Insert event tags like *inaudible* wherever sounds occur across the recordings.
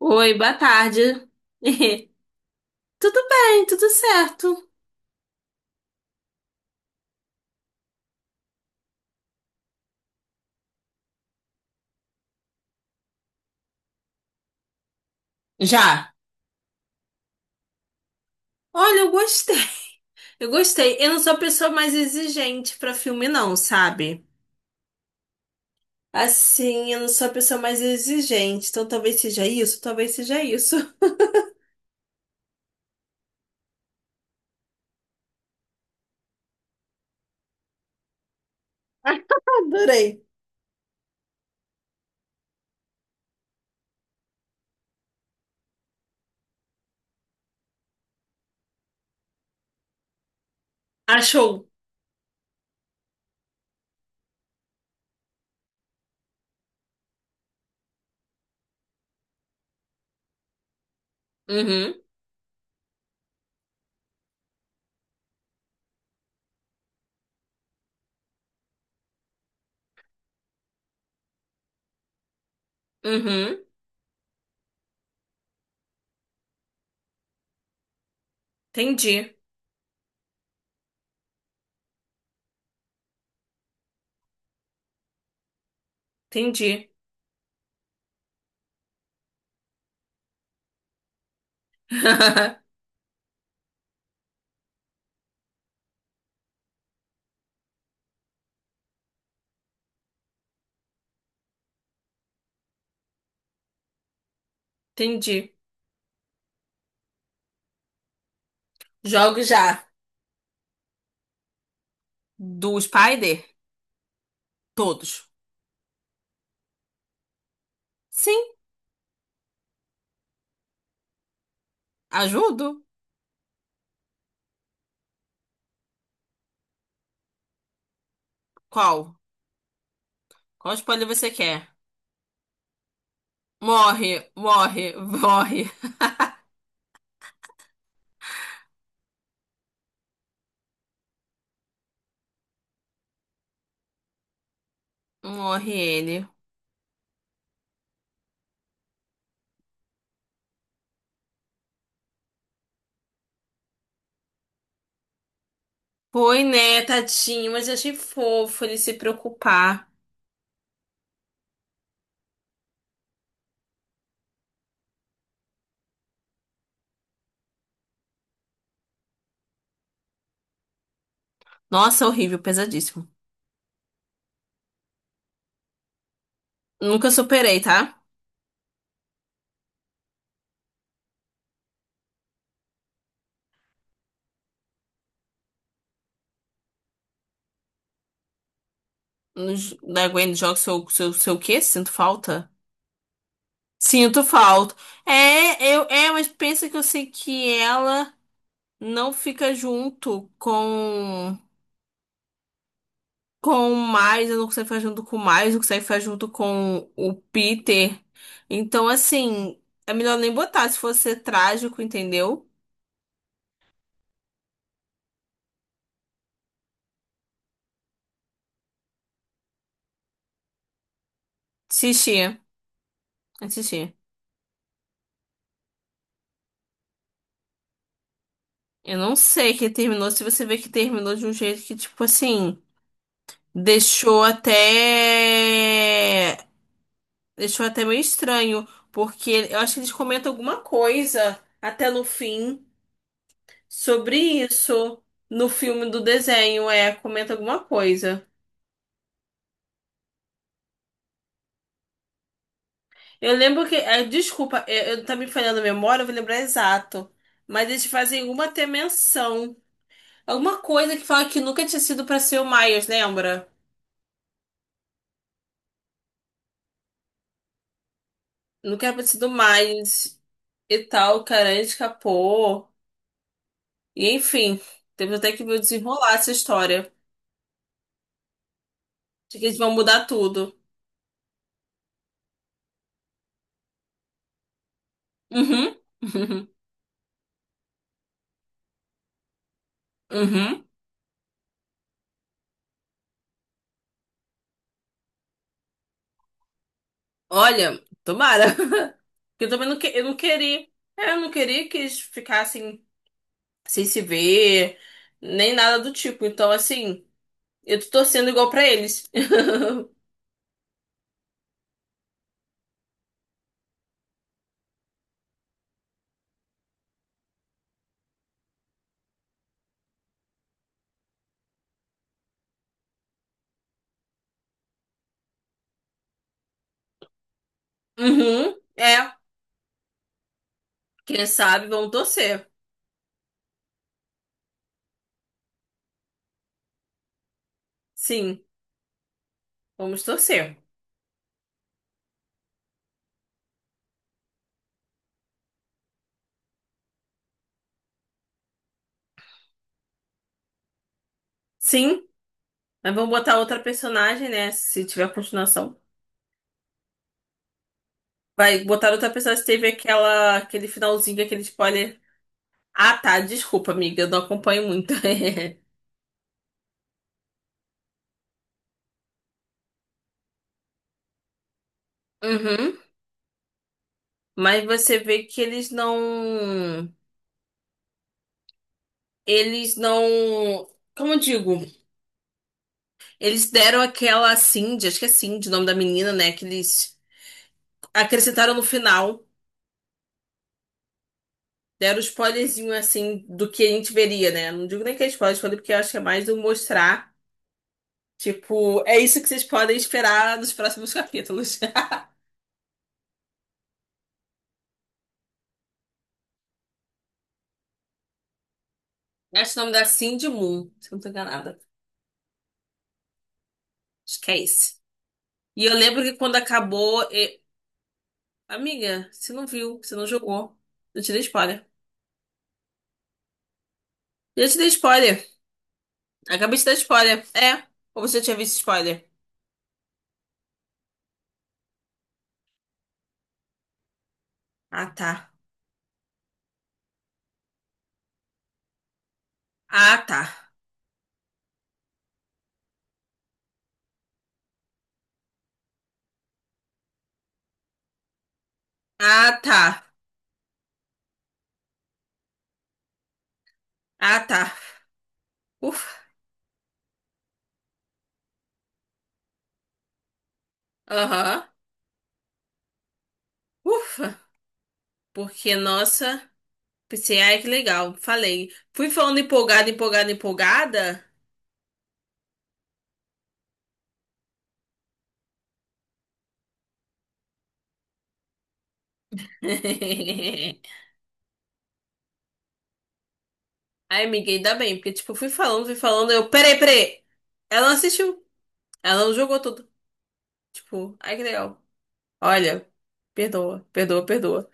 Oi, boa tarde. *laughs* Tudo bem, tudo certo. Já. Olha, eu gostei. Eu gostei. Eu não sou a pessoa mais exigente pra filme, não, sabe? Assim, eu não sou a pessoa mais exigente. Então talvez seja isso, talvez seja isso. *laughs* Adorei. Achou? Uhum, uhum. Entendi, entendi. *laughs* Entendi. Jogo já. Do Spider? Todos. Sim, ajudo. Qual? Qual spoiler você quer? Morre, morre, morre. Morre ele. Foi, né, tadinho, mas eu achei fofo ele se preocupar. Nossa, horrível, pesadíssimo. Nunca superei, tá? No j- Da Gwen Jones, seu, seu, seu o quê? Sinto falta? Sinto falta. É, eu, mas pensa que eu sei que ela não fica junto com. Com o Miles, eu não consigo ficar junto com o Miles, não consigo ficar junto com o Peter. Então, assim, é melhor nem botar se fosse trágico, entendeu? Assistir, assistir. Eu não sei que terminou, se você vê que terminou de um jeito que, tipo assim, deixou até. Deixou até meio estranho, porque eu acho que eles comentam alguma coisa até no fim sobre isso. No filme do desenho, é, comenta alguma coisa. Eu lembro que. Desculpa, eu, tá me falhando a memória, eu vou lembrar exato. Mas eles fazem alguma até menção. Alguma coisa que fala que nunca tinha sido pra ser o Miles, lembra? Nunca era pra ter sido o Miles e tal, o cara escapou. E enfim, temos até que ver o desenrolar essa história. De que eles vão mudar tudo. Uhum. *laughs* Uhum. Uhum. Olha, tomara. *laughs* Porque eu também não, que, eu não queria. Eu não queria que eles ficassem sem se ver, nem nada do tipo. Então, assim. Eu tô torcendo igual pra eles. *laughs* Uhum, é. Quem sabe vamos torcer. Sim, vamos torcer. Sim, mas vamos botar outra personagem, né? Se tiver continuação. Vai botar outra personagem. Teve aquela, aquele finalzinho, aquele spoiler. Ah, tá. Desculpa, amiga. Eu não acompanho muito. *laughs* Uhum. Mas você vê que eles não. Eles não. Como eu digo? Eles deram aquela Cindy, acho que é Cindy o nome da menina, né? Que eles acrescentaram no final. Deram um spoilerzinho assim do que a gente veria, né? Não digo nem que é spoiler, spoiler porque eu acho que é mais do mostrar. Tipo, é isso que vocês podem esperar nos próximos capítulos. *laughs* Acho que o nome da Cindy Moon, se eu não tô enganada. Acho que é esse. E eu lembro que quando acabou. Amiga, você não viu, você não jogou. Eu te dei spoiler. Eu te dei spoiler. Acabei de dar spoiler. É. Ou você já tinha visto spoiler? Ah, tá. Ah, tá. Ah, tá. Ah, tá. Ufa. Aham. Ufa. Porque, nossa. Pensei, ai, que legal. Falei. Fui falando empolgada, empolgada, empolgada. *laughs* Ai, amiga, ainda bem, porque, tipo, fui falando, eu, peraí, peraí. Ela não assistiu. Ela não jogou tudo. Tipo, ai, que legal. Olha, perdoa, perdoa, perdoa.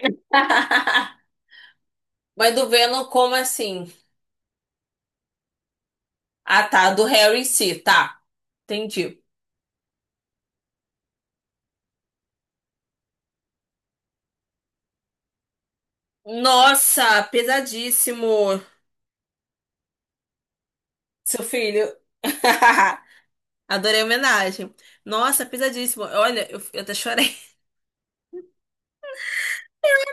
*laughs* Mas do Venom, como assim? Ah, tá, do Harry em si, tá. Entendi. Nossa, pesadíssimo, seu filho. *laughs* Adorei a homenagem. Nossa, pesadíssimo. Olha, eu até chorei.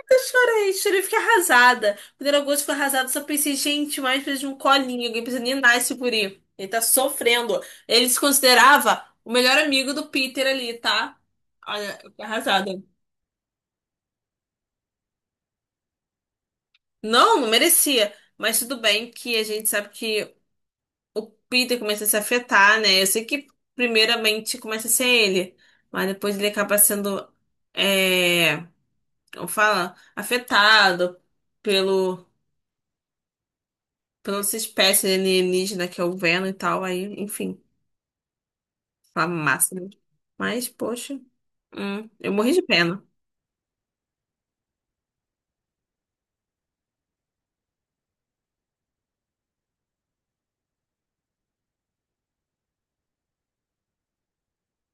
Eu chorei, chorei, fiquei arrasada. Quando era agosto, fiquei arrasada, só pensei, gente, mais precisa de um colinho, alguém precisa ninar esse guri. Ele tá sofrendo. Ele se considerava o melhor amigo do Peter ali, tá? Olha, eu fiquei arrasada. Não, não merecia. Mas tudo bem que a gente sabe que o Peter começa a se afetar, né? Eu sei que primeiramente começa a ser ele, mas depois ele acaba sendo, é, como fala, afetado pelo pela essa espécie alienígena que eu vendo e tal, aí, enfim, uma massa. Né? Mas, poxa, eu morri de pena.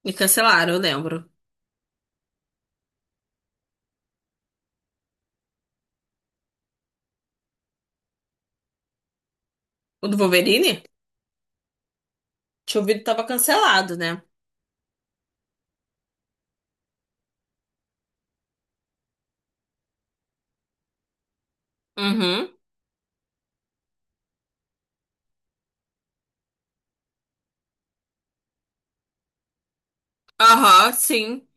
Me cancelaram, eu lembro. O do Wolverine? Tinha ouvido que tava cancelado, né? Uhum. Aham, sim.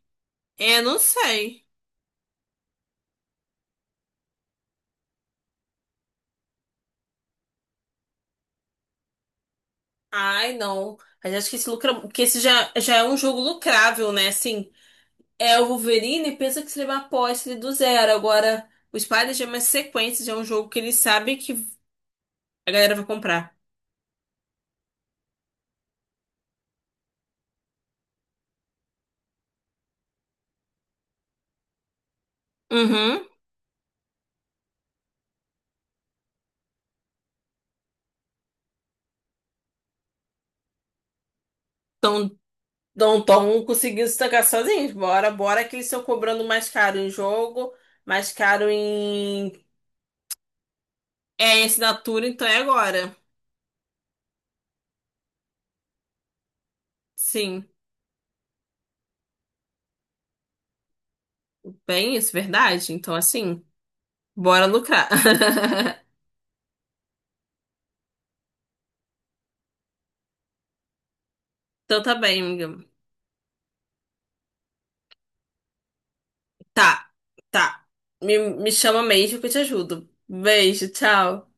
Eu não sei. Ai, não. Mas acho que esse lucra... que esse já é um jogo lucrável, né? Assim, é o Wolverine pensa que se levar após ele é do zero. Agora, o Spider-Man é uma sequência, já é um jogo que ele sabe que a galera vai comprar. Uhum. Então, não tão conseguindo se tancar sozinhos. Bora, bora que eles estão cobrando mais caro em jogo, mais caro em, em assinatura, então é agora. Sim, bem isso, verdade? Então assim, bora lucrar. *laughs* Então tá bem, amiga. Tá, tá. Me chama mesmo que eu te ajudo. Beijo, tchau.